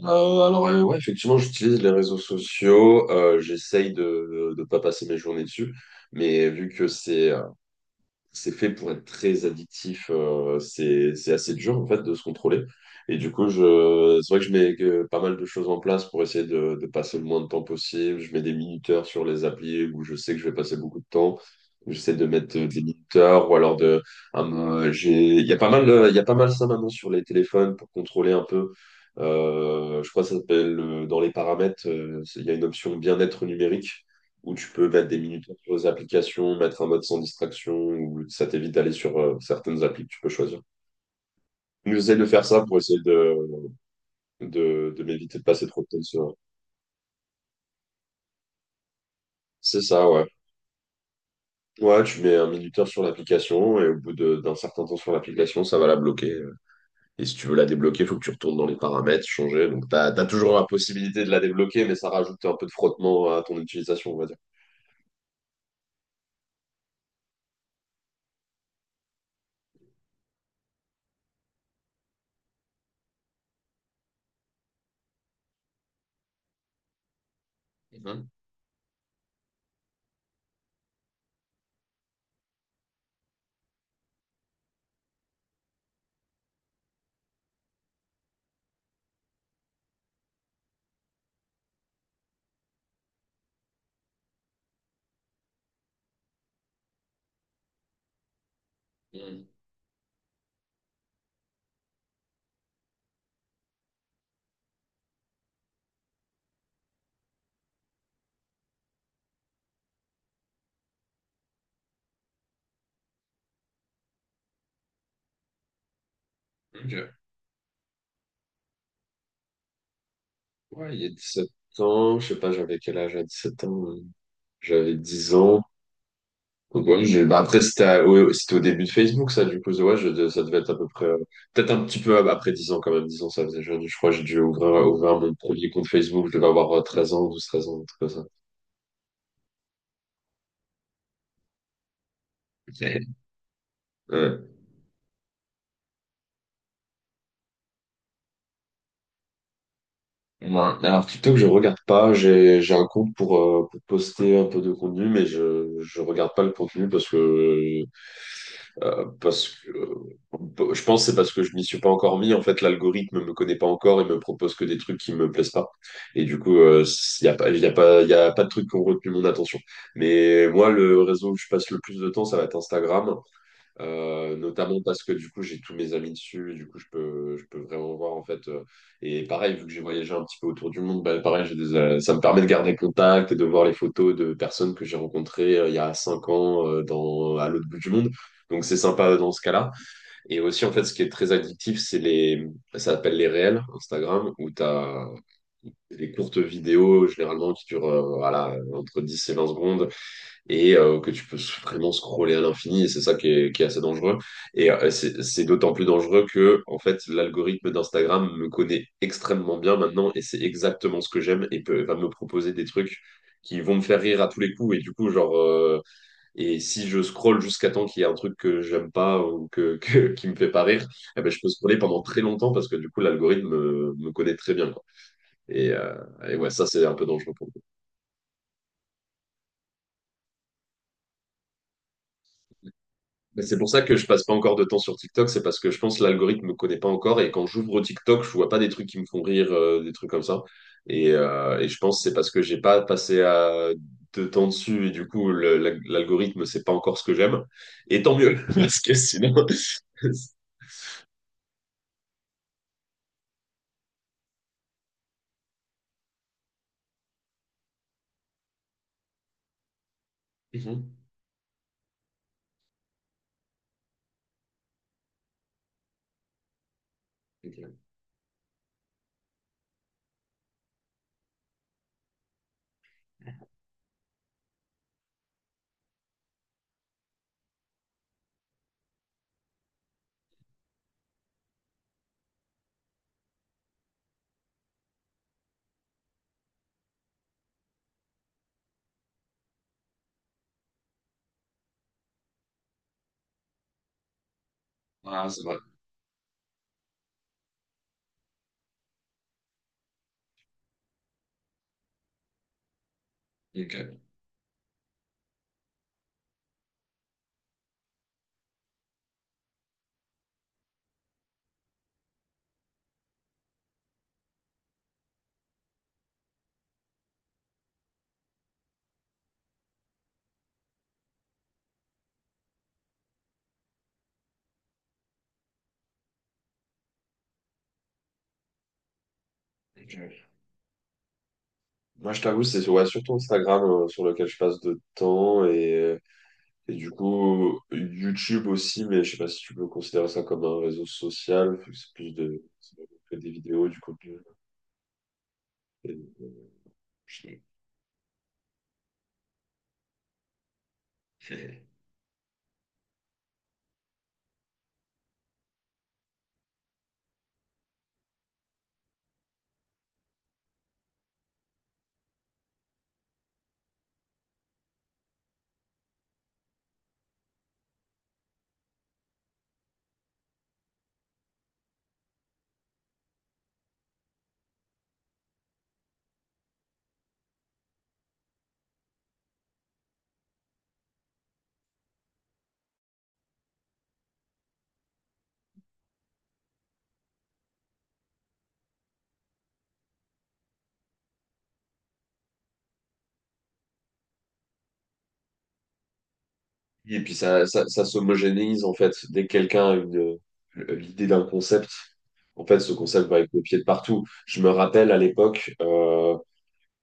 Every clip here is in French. Alors, ouais, effectivement, j'utilise les réseaux sociaux. J'essaye de ne pas passer mes journées dessus. Mais vu que c'est fait pour être très addictif. C'est assez dur, en fait, de se contrôler. Et du coup, c'est vrai que je mets pas mal de choses en place pour essayer de passer le moins de temps possible. Je mets des minuteurs sur les applis où je sais que je vais passer beaucoup de temps. J'essaie de mettre des minuteurs ou alors un, euh, j'ai, il y a pas mal ça maintenant sur les téléphones pour contrôler un peu. Je crois que ça s'appelle, dans les paramètres, il y a une option bien-être numérique où tu peux mettre des minutes sur les applications, mettre un mode sans distraction, ou ça t'évite d'aller sur certaines applis que tu peux choisir. Donc, j'essaie de faire ça pour essayer de m'éviter de passer trop de temps sur. C'est ça, ouais. Ouais, tu mets un minuteur sur l'application et au bout d'un certain temps sur l'application, ça va la bloquer. Et si tu veux la débloquer, il faut que tu retournes dans les paramètres, changer. Donc, tu as toujours la possibilité de la débloquer, mais ça rajoute un peu de frottement à ton utilisation, on va dire. Mhm. Mhm. OK. Ouais, il y a 17 ans, je sais pas, j'avais quel âge à 7 ans. J'avais 10 ans. Donc, ouais, bah, après, c'était ouais, ouais, c'était au début de Facebook, ça, du coup, ouais, ça devait être à peu près, peut-être un petit peu après 10 ans, quand même. 10 ans, ça faisait jeune. Je crois que j'ai dû ouvrir mon premier compte Facebook. Je devais avoir 13 ans, 12 13 ans, un truc comme ça. Ouais. Ouais. Ouais. Alors TikTok, je regarde pas. J'ai un compte pour poster un peu de contenu, mais je regarde pas le contenu parce que je pense que c'est parce que je m'y suis pas encore mis. En fait, l'algorithme me connaît pas encore et me propose que des trucs qui me plaisent pas. Et du coup, il y a pas de trucs qui ont retenu mon attention. Mais moi, le réseau où je passe le plus de temps, ça va être Instagram. Notamment parce que du coup j'ai tous mes amis dessus, du coup je peux, vraiment voir en fait. Et pareil, vu que j'ai voyagé un petit peu autour du monde, bah, pareil, ça me permet de garder contact et de voir les photos de personnes que j'ai rencontrées il y a 5 ans , à l'autre bout du monde. Donc c'est sympa dans ce cas-là. Et aussi en fait ce qui est très addictif, c'est ça s'appelle les réels Instagram, où t'as les courtes vidéos généralement qui durent voilà, entre 10 et 20 secondes et que tu peux vraiment scroller à l'infini, et c'est ça qui est assez dangereux. Et c'est d'autant plus dangereux que, en fait, l'algorithme d'Instagram me connaît extrêmement bien maintenant, et c'est exactement ce que j'aime, et va me proposer des trucs qui vont me faire rire à tous les coups, et du coup, genre, et si je scrolle jusqu'à temps qu'il y ait un truc que j'aime pas ou qui me fait pas rire, eh ben, je peux scroller pendant très longtemps parce que du coup, l'algorithme me connaît très bien, quoi. Et, euh, et ouais, ça, c'est un peu dangereux pour moi. Mais c'est pour ça que je passe pas encore de temps sur TikTok, c'est parce que je pense que l'algorithme me connaît pas encore et quand j'ouvre TikTok, je vois pas des trucs qui me font rire, des trucs comme ça. Et je pense que c'est parce que j'ai pas passé de temps dessus et du coup l'algorithme sait pas encore ce que j'aime. Et tant mieux, parce que sinon. Mhm. OK. Ah, c'est vrai. OK. OK. Moi, je t'avoue, c'est ouais, surtout Instagram sur lequel je passe de temps. Et du coup, YouTube aussi, mais je sais pas si tu peux considérer ça comme un réseau social, vu que c'est des vidéos, du contenu. Et, Et puis ça s'homogénéise en fait. Dès que quelqu'un a l'idée d'un concept, en fait, ce concept va être copié de partout. Je me rappelle à l'époque, euh,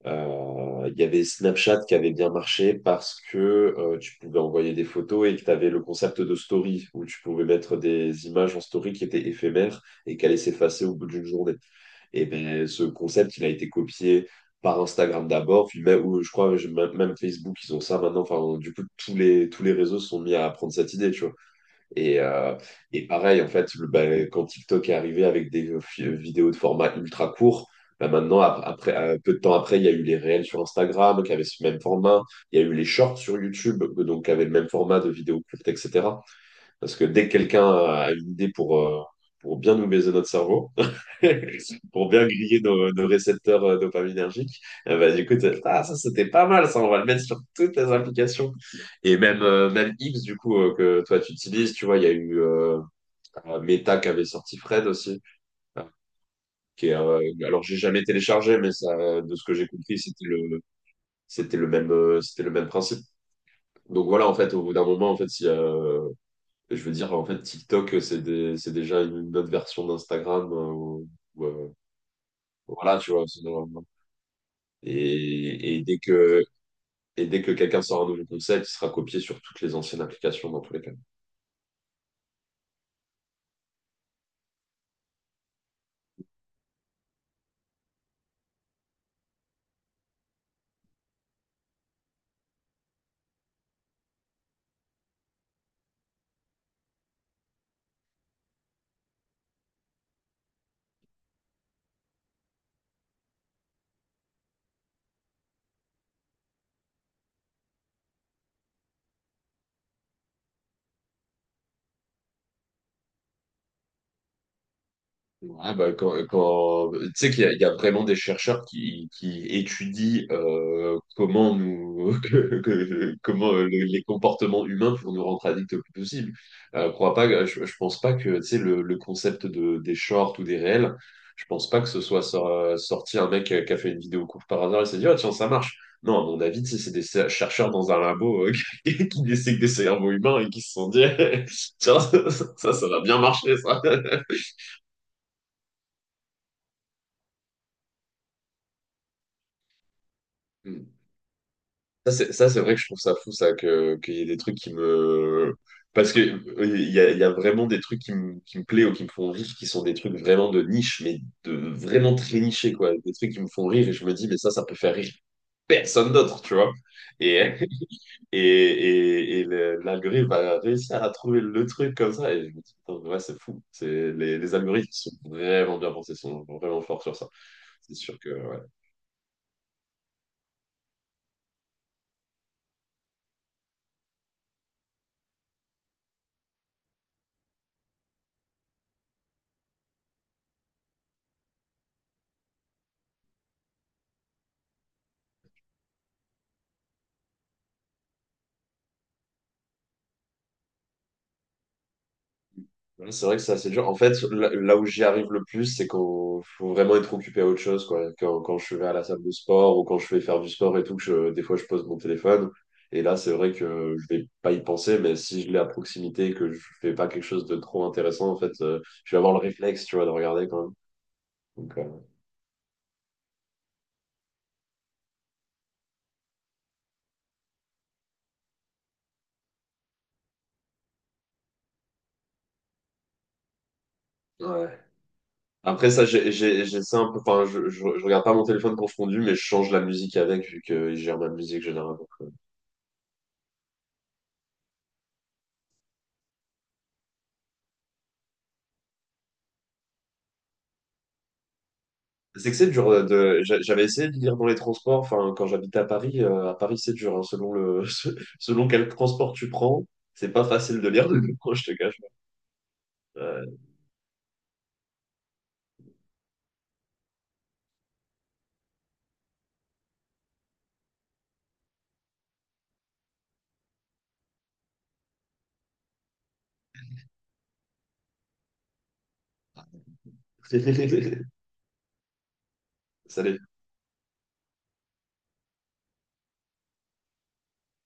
Euh, il y avait Snapchat qui avait bien marché parce que tu pouvais envoyer des photos et que tu avais le concept de story où tu pouvais mettre des images en story qui étaient éphémères et qui allaient s'effacer au bout d'une journée. Et ben ce concept, il a été copié par Instagram d'abord, puis même, ou je crois même Facebook, ils ont ça maintenant. Enfin, du coup, tous les réseaux sont mis à prendre cette idée, tu vois. Et, euh, et pareil, en fait, bah, quand TikTok est arrivé avec des vidéos de format ultra court, bah maintenant, après, peu de temps après, il y a eu les réels sur Instagram qui avaient ce même format. Il y a eu les shorts sur YouTube, donc qui avaient le même format de vidéos courtes, etc. Parce que dès que quelqu'un a une idée pour bien nous baiser notre cerveau, pour bien griller nos récepteurs dopaminergiques, bah, du coup, ah, ça c'était pas mal, ça, on va le mettre sur toutes les applications. Et même X, du coup, que toi tu utilises, tu vois, il y a eu Meta qui avait sorti Fred aussi. euh, Qui est, euh, j'ai jamais téléchargé, mais ça, de ce que j'ai compris, c'était c'était le même principe. Donc voilà, en fait, au bout d'un moment, en fait, si, et je veux dire, en fait, TikTok, c'est déjà une autre version d'Instagram. Ou, euh, voilà, tu vois. Et, et dès que, et dès que quelqu'un sort un nouveau concept, il sera copié sur toutes les anciennes applications, dans tous les cas. Ouais, bah, tu sais qu'il y a vraiment des chercheurs qui étudient comment nous les comportements humains pour nous rendre addicts le plus possible. Crois pas, que- je pense pas que tu sais, le concept des shorts ou des réels, je pense pas que ce soit sorti un mec qui a fait une vidéo courte par hasard et s'est dit: Ah, tiens, ça marche. Non, à mon avis, tu sais, c'est des chercheurs dans un labo qui dissèquent des cerveaux humains et qui se sont dit Tiens, ça, ça va bien marcher ça. Ça, c'est vrai que je trouve ça fou, ça, qu'il y ait des trucs qui me... Parce que il y a vraiment des trucs qui me plaisent ou qui me font rire, qui sont des trucs vraiment de niche, mais vraiment très nichés, quoi. Des trucs qui me font rire, et je me dis, mais ça peut faire rire personne d'autre, tu vois. Et, et l'algorithme va réussir à trouver le truc comme ça, et je me dis, putain, ouais, c'est fou. Les algorithmes sont vraiment bien pensés, sont vraiment forts sur ça. C'est sûr que ouais. Ouais, c'est vrai que c'est assez dur. En fait, là où j'y arrive le plus, c'est qu'on faut vraiment être occupé à autre chose, quoi. Quand je vais à la salle de sport ou quand je vais faire du sport et tout, que des fois je pose mon téléphone. Et là, c'est vrai que je vais pas y penser, mais si je l'ai à proximité et que je fais pas quelque chose de trop intéressant, en fait, je vais avoir le réflexe, tu vois, de regarder quand même. Donc, ouais. Après ça, j'ai ça un peu. Enfin, je regarde pas mon téléphone quand je conduis, mais je change la musique avec, vu que je gère ma musique généralement. C'est que c'est dur. J'avais essayé de lire dans les transports. Enfin, quand j'habitais à Paris, à Paris, c'est dur, hein, selon quel transport tu prends, c'est pas facile de lire. Je te cache pas. Ouais. Ça l'est